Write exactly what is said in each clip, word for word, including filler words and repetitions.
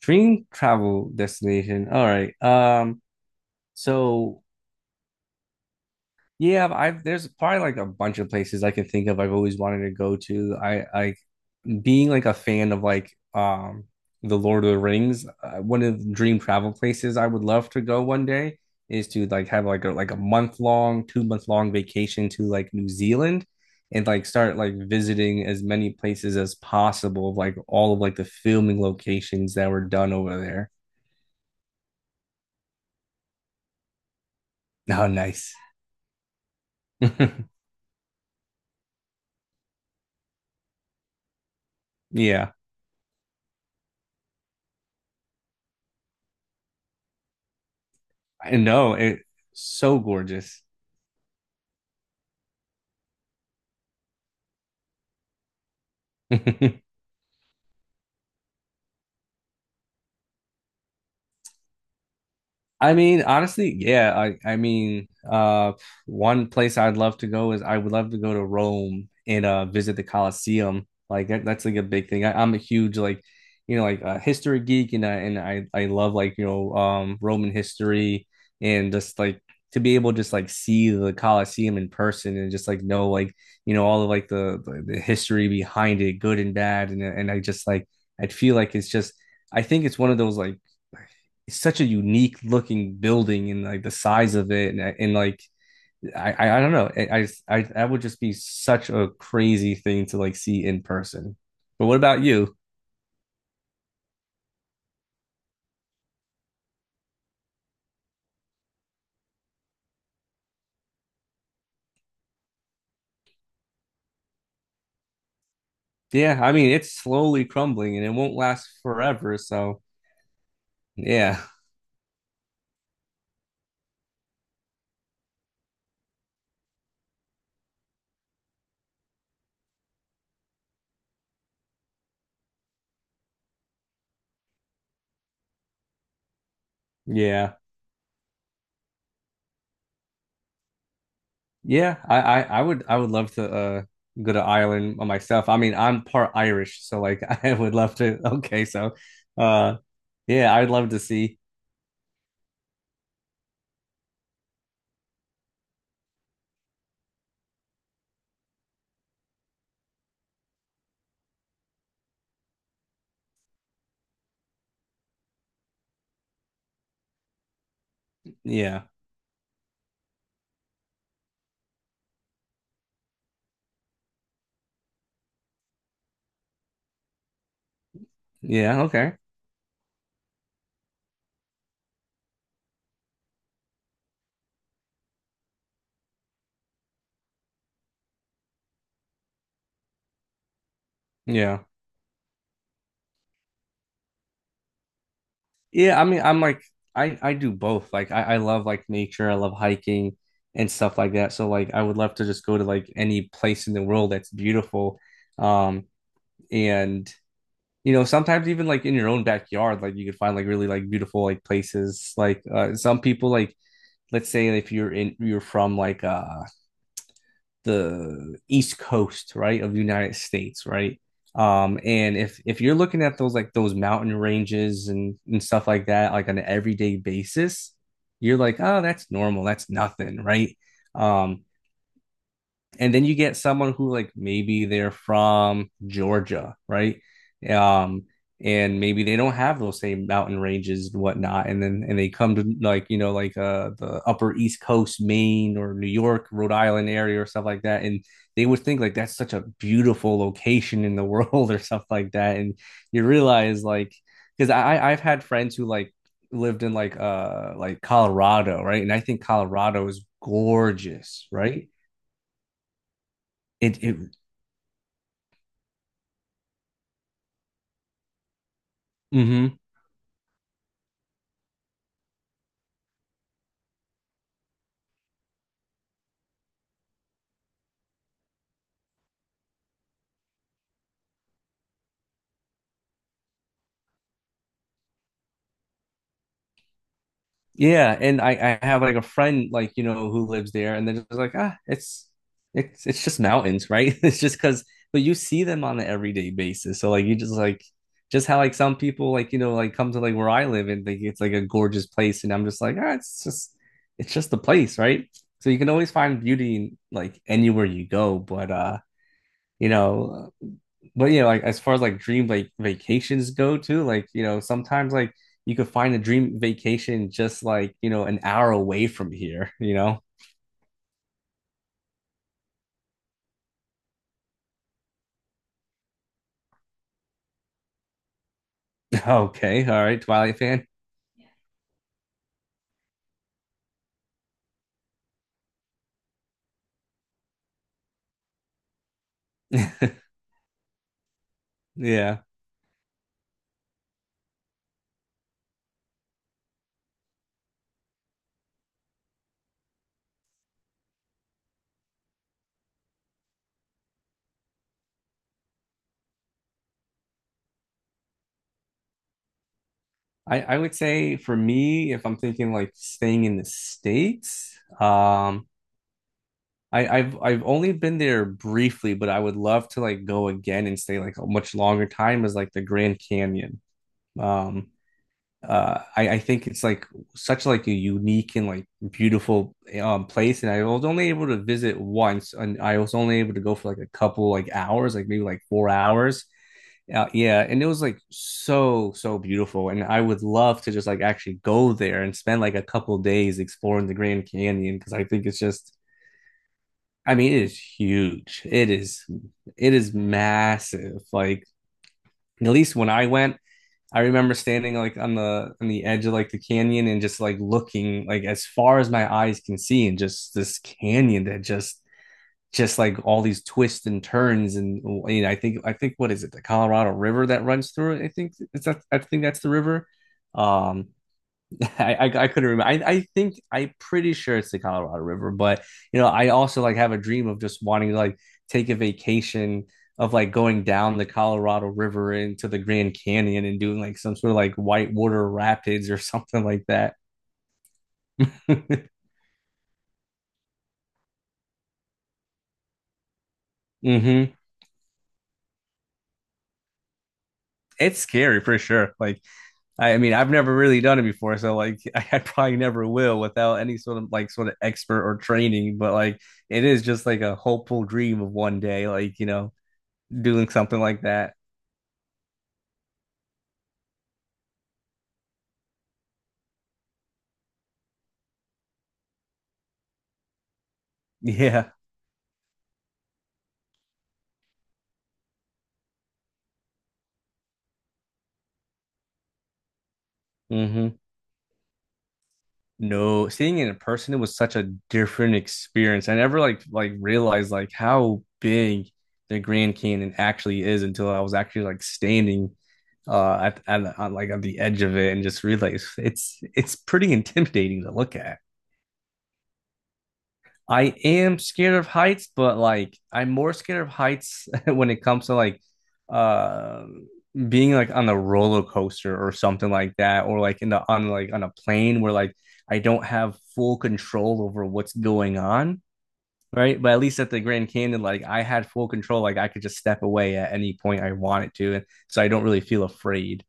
Dream travel destination. All right. Um, so yeah, I've there's probably like a bunch of places I can think of I've always wanted to go to. I I being like a fan of like um the Lord of the Rings, uh, one of the dream travel places I would love to go one day is to like have like a like a month long, two month long vacation to like New Zealand and like start like visiting as many places as possible of like all of like the filming locations that were done over there. Oh, nice. Yeah. I know. It's so gorgeous. I mean, honestly, yeah. I I mean, uh, one place I'd love to go is I would love to go to Rome and uh visit the Colosseum. Like that, that's like a big thing. I, I'm a huge like, you know, like a history geek, and I and I I love like you know um Roman history and just like to be able to just like see the Colosseum in person and just like know like you know all of like the the, the history behind it, good and bad, and and I just like I'd feel like it's just. I think it's one of those like it's such a unique looking building and like the size of it and, and like I, I I don't know, I, I that would just be such a crazy thing to like see in person. But what about you? Yeah, I mean it's slowly crumbling and it won't last forever. So yeah, yeah, yeah. I I, I would I would love to uh go to Ireland myself. I mean I'm part Irish, so like I would love to. Okay, so uh yeah, I'd love to see. Yeah, yeah. Okay, yeah. Yeah, I mean, I'm like I I do both. Like I I love like nature, I love hiking and stuff like that. So like I would love to just go to like any place in the world that's beautiful. Um and you know, sometimes even like in your own backyard, like you could find like really like beautiful like places. Like uh some people like, let's say if you're in you're from like uh the East Coast, right, of the United States, right? Um and if if you're looking at those like those mountain ranges and and stuff like that, like on an everyday basis, you're like, oh, that's normal, that's nothing, right? um and then you get someone who like maybe they're from Georgia, right? Um, and maybe they don't have those same mountain ranges and whatnot, and then and they come to like you know like uh the Upper East Coast, Maine or New York, Rhode Island area or stuff like that, and they would think like that's such a beautiful location in the world or stuff like that, and you realize like, because I I've had friends who like lived in like uh like Colorado, right? And I think Colorado is gorgeous, right? It it. Hmm. Yeah, and I I have like a friend like you know who lives there, and they're just like, ah, it's it's it's just mountains, right? It's just because, but you see them on an everyday basis, so like you just like, just how like some people like you know like come to like where I live and think it's like a gorgeous place, and I'm just like, ah, it's just it's just the place, right? So you can always find beauty in like anywhere you go, but uh, you know. But yeah, like as far as like dream like vacations go too, like you know, sometimes like you could find a dream vacation just like, you know, an hour away from here, you know? Okay, all right, Twilight fan. Yeah. I, I would say, for me, if I'm thinking like staying in the States, um, I, I've I've only been there briefly, but I would love to like go again and stay like a much longer time as like the Grand Canyon. Um, uh I, I think it's like such like a unique and like beautiful um place, and I was only able to visit once and I was only able to go for like a couple like hours, like maybe like four hours. Uh, yeah, and it was like so so beautiful, and I would love to just like actually go there and spend like a couple days exploring the Grand Canyon, because I think it's just I mean, it is huge, it is it is massive. Like, at least when I went, I remember standing like on the on the edge of like the canyon and just like looking like as far as my eyes can see, and just this canyon that just just like all these twists and turns, and you know, I think I think, what is it, the Colorado River that runs through it? I think it's I think that's the river. um I, I I couldn't remember. I, I think I'm pretty sure it's the Colorado River, but you know, I also like have a dream of just wanting to like take a vacation of like going down the Colorado River into the Grand Canyon and doing like some sort of like whitewater rapids or something like that. hmm It's scary for sure. Like I, I mean, I've never really done it before, so like I, I probably never will without any sort of like sort of expert or training. But like it is just like a hopeful dream of one day, like you know, doing something like that. Yeah. hmm No, seeing it in person, it was such a different experience. I never like like realized like how big the Grand Canyon actually is until I was actually like standing uh at, at, on like on the edge of it and just realized it's it's pretty intimidating to look at. I am scared of heights, but like I'm more scared of heights when it comes to like uh being like on a roller coaster or something like that, or like in the on like on a plane, where like I don't have full control over what's going on, right? But at least at the Grand Canyon, like I had full control, like I could just step away at any point I wanted to, and so I don't really feel afraid.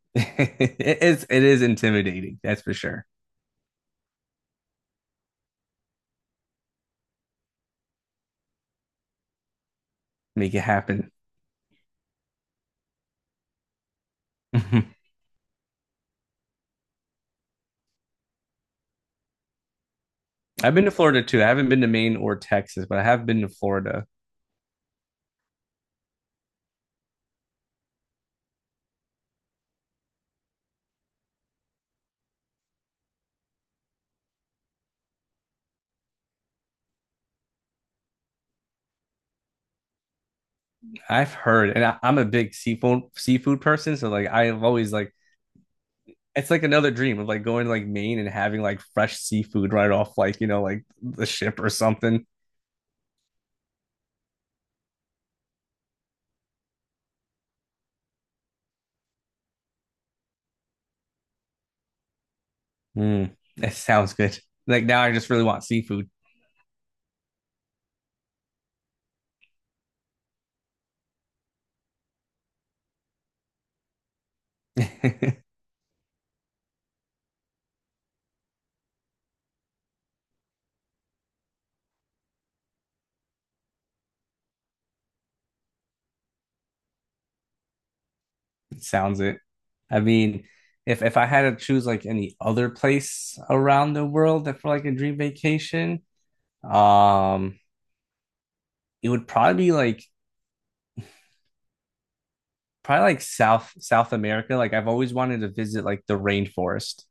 It is it is intimidating, that's for sure. Make it happen. I've been to Florida too. I haven't been to Maine or Texas, but I have been to Florida. I've heard, and I, I'm a big seafood seafood person, so like I've always like it's like another dream of like going to like Maine and having like fresh seafood right off like you know like the ship or something. Mm, that sounds good. Like, now I just really want seafood. It sounds it. I mean, if if I had to choose like any other place around the world that for like a dream vacation, um, it would probably be like probably like South South America. Like I've always wanted to visit like the rainforest.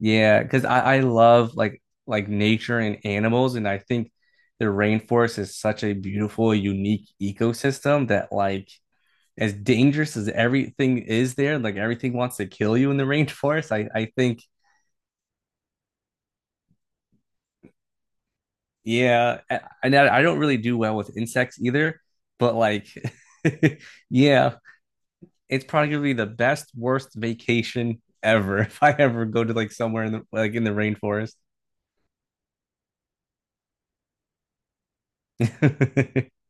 Yeah, because I I love like like nature and animals, and I think the rainforest is such a beautiful, unique ecosystem that, like, as dangerous as everything is there, like everything wants to kill you in the rainforest. I I think, yeah, a- and I, I don't really do well with insects either, but like yeah, it's probably gonna be the best worst vacation ever if I ever go to like somewhere in the like in the rainforest.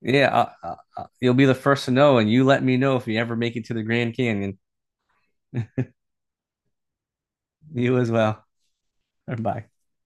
Yeah, I, I, you'll be the first to know, and you let me know if you ever make it to the Grand Canyon. You as well. Bye.